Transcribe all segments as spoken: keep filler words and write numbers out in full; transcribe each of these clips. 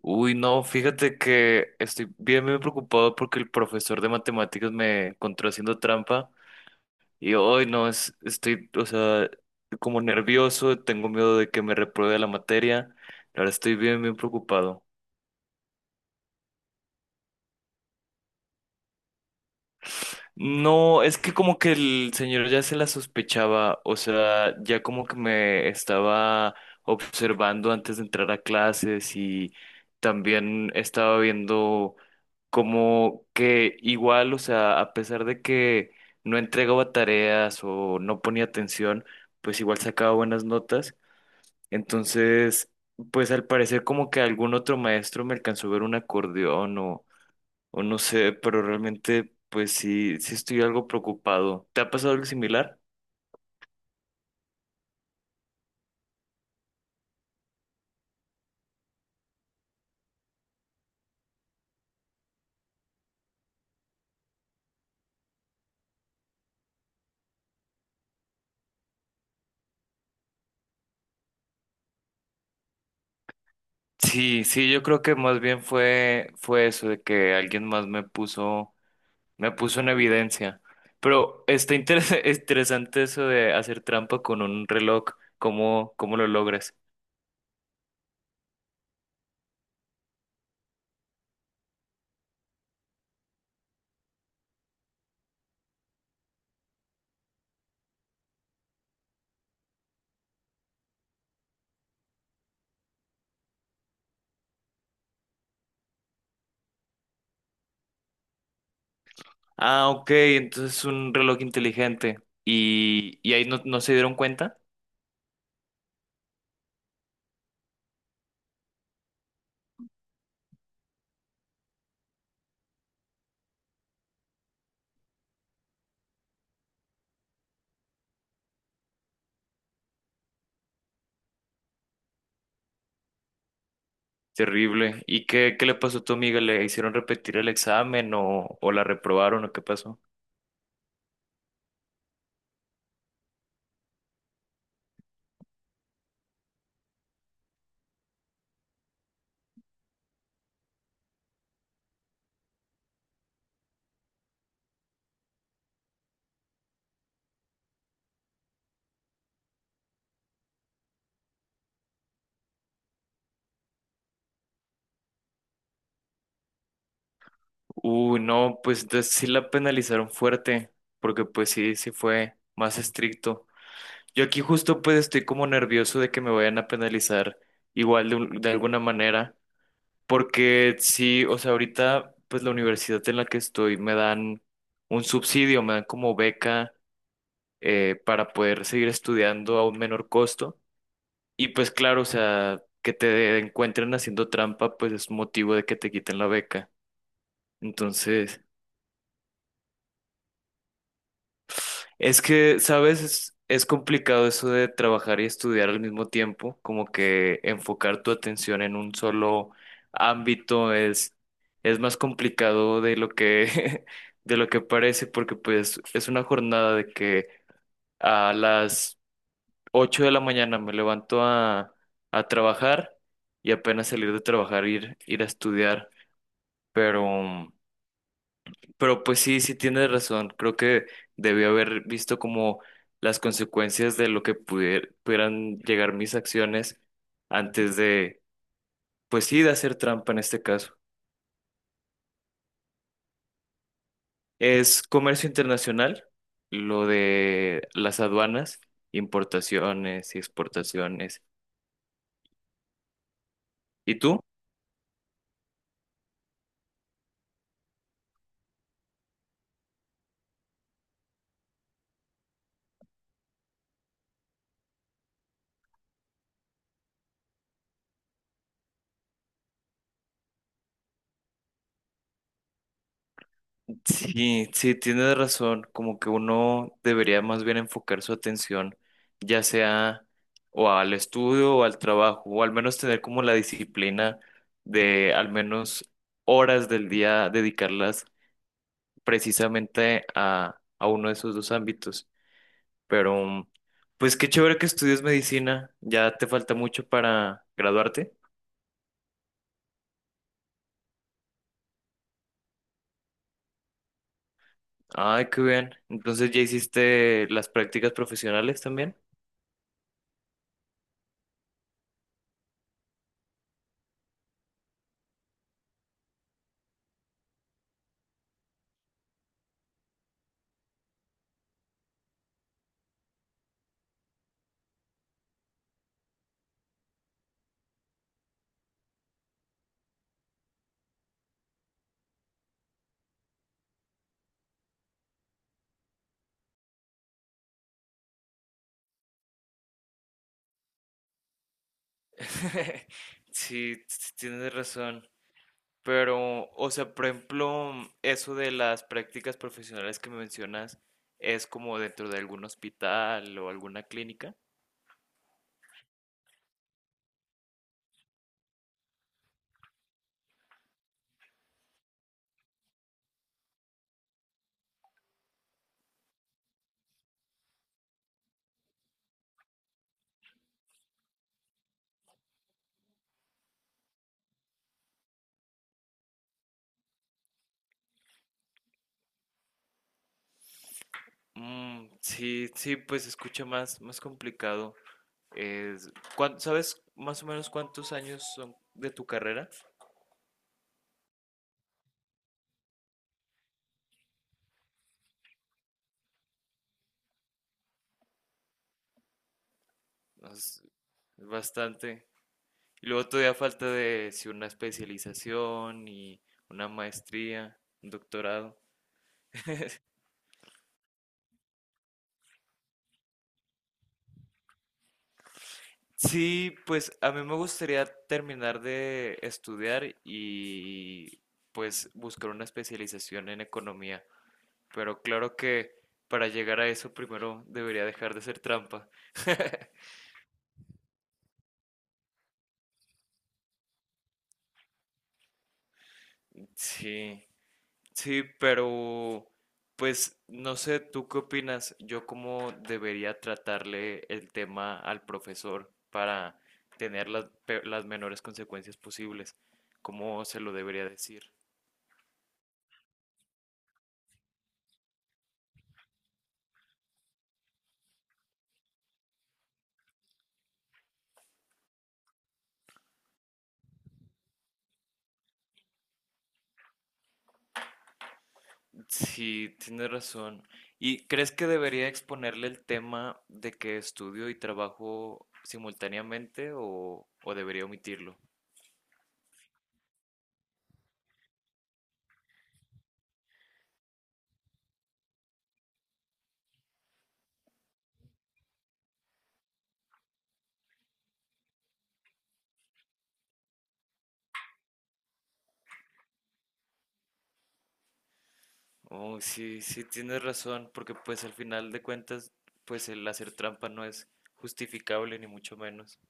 Uy, no, fíjate que estoy bien, bien preocupado porque el profesor de matemáticas me encontró haciendo trampa y hoy no, es, estoy, o sea, como nervioso, tengo miedo de que me repruebe la materia. ahora estoy bien, bien preocupado. No, es que como que el señor ya se la sospechaba, o sea, ya como que me estaba observando antes de entrar a clases y también estaba viendo como que igual, o sea, a pesar de que no entregaba tareas o no ponía atención, pues igual sacaba buenas notas. Entonces, pues al parecer como que algún otro maestro me alcanzó a ver un acordeón o no sé, pero realmente pues sí, sí estoy algo preocupado. ¿Te ha pasado algo similar? Sí, sí, yo creo que más bien fue, fue eso de que alguien más me puso, me puso en evidencia. Pero está interes- interesante eso de hacer trampa con un reloj. ¿Cómo, cómo lo logras? Ah, ok, entonces es un reloj inteligente. Y, y ahí no, no se dieron cuenta. Terrible. ¿Y qué, qué le pasó a tu amiga? ¿Le hicieron repetir el examen o, o la reprobaron o qué pasó? Uy, no, pues de- sí la penalizaron fuerte, porque pues sí, sí fue más estricto. Yo aquí justo pues estoy como nervioso de que me vayan a penalizar igual de, un- de alguna manera, porque sí, o sea, ahorita pues la universidad en la que estoy me dan un subsidio, me dan como beca eh, para poder seguir estudiando a un menor costo. Y pues claro, o sea, que te encuentren haciendo trampa pues es motivo de que te quiten la beca. Entonces... Es que, ¿sabes? Es, es complicado eso de trabajar y estudiar al mismo tiempo, como que enfocar tu atención en un solo ámbito es, es más complicado de lo que, de lo que parece, porque pues es una jornada de que a las ocho de la mañana me levanto a, a trabajar y apenas salir de trabajar ir, ir a estudiar, pero... Pero pues sí, sí tienes razón. Creo que debí haber visto como las consecuencias de lo que pudier- pudieran llegar mis acciones antes de, pues sí, de hacer trampa en este caso. Es comercio internacional, lo de las aduanas, importaciones y exportaciones. ¿Y tú? Sí, sí, tienes razón, como que uno debería más bien enfocar su atención, ya sea o al estudio o al trabajo, o al menos tener como la disciplina de al menos horas del día dedicarlas precisamente a, a uno de esos dos ámbitos. Pero, mm, pues qué chévere que estudies medicina, ya te falta mucho para graduarte. Ay, qué bien. Entonces, ¿ya hiciste las prácticas profesionales también? Sí, tienes razón. Pero, o sea, por ejemplo, eso de las prácticas profesionales que me mencionas es como dentro de algún hospital o alguna clínica. Mm, sí, sí, pues se escucha más, más complicado. Es, ¿cuán- ¿sabes más o menos cuántos años son de tu carrera? Es bastante. Y luego todavía falta de si una especialización y una maestría, un doctorado. Sí, pues a mí me gustaría terminar de estudiar y pues buscar una especialización en economía. Pero claro que para llegar a eso primero debería dejar de hacer trampa. Sí, sí, pero pues no sé, ¿tú qué opinas? Yo cómo debería tratarle el tema al profesor para tener las, pe- las menores consecuencias posibles. ¿Cómo se lo debería decir? Sí, tienes razón. ¿Y crees que debería exponerle el tema de que estudio y trabajo simultáneamente o, o debería omitirlo? Oh, sí, sí, tienes razón, porque pues al final de cuentas, pues el hacer trampa no es justificable ni mucho menos.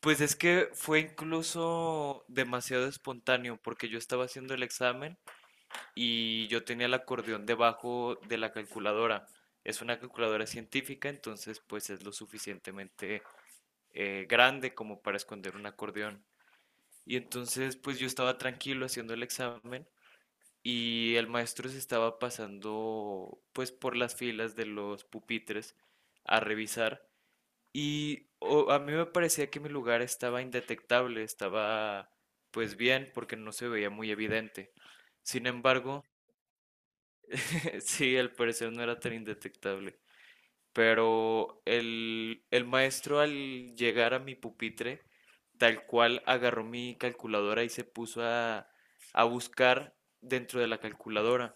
Pues es que fue incluso demasiado espontáneo, porque yo estaba haciendo el examen y yo tenía el acordeón debajo de la calculadora. Es una calculadora científica, entonces pues es lo suficientemente eh, grande como para esconder un acordeón. Y entonces pues yo estaba tranquilo haciendo el examen y el maestro se estaba pasando pues por las filas de los pupitres a revisar y o- a mí me parecía que mi lugar estaba indetectable, estaba pues bien porque no se veía muy evidente. Sin embargo, sí, al parecer no era tan indetectable. Pero el, el maestro al llegar a mi pupitre, tal cual agarró mi calculadora y se puso a, a buscar dentro de la calculadora.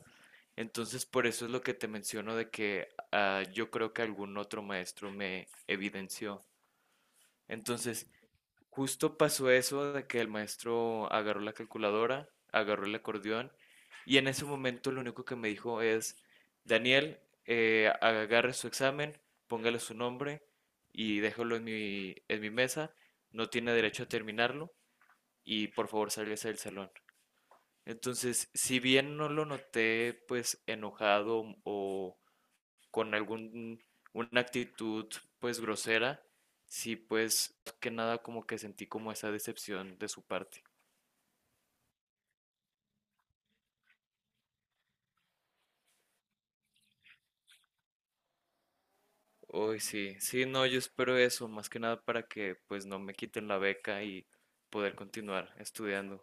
Entonces, por eso es lo que te menciono de que ah, yo creo que algún otro maestro me evidenció. Entonces, Justo pasó eso de que el maestro agarró la calculadora, agarró el acordeón y en ese momento lo único que me dijo es: Daniel, eh, agarre su examen, póngale su nombre y déjalo en mi, en mi mesa, no tiene derecho a terminarlo y por favor sálgase del salón. Entonces, si bien no lo noté pues enojado o con algún, una actitud pues grosera, sí pues que nada como que sentí como esa decepción de su parte. Uy, sí, sí, no, yo espero eso, más que nada para que pues no me quiten la beca y poder continuar estudiando.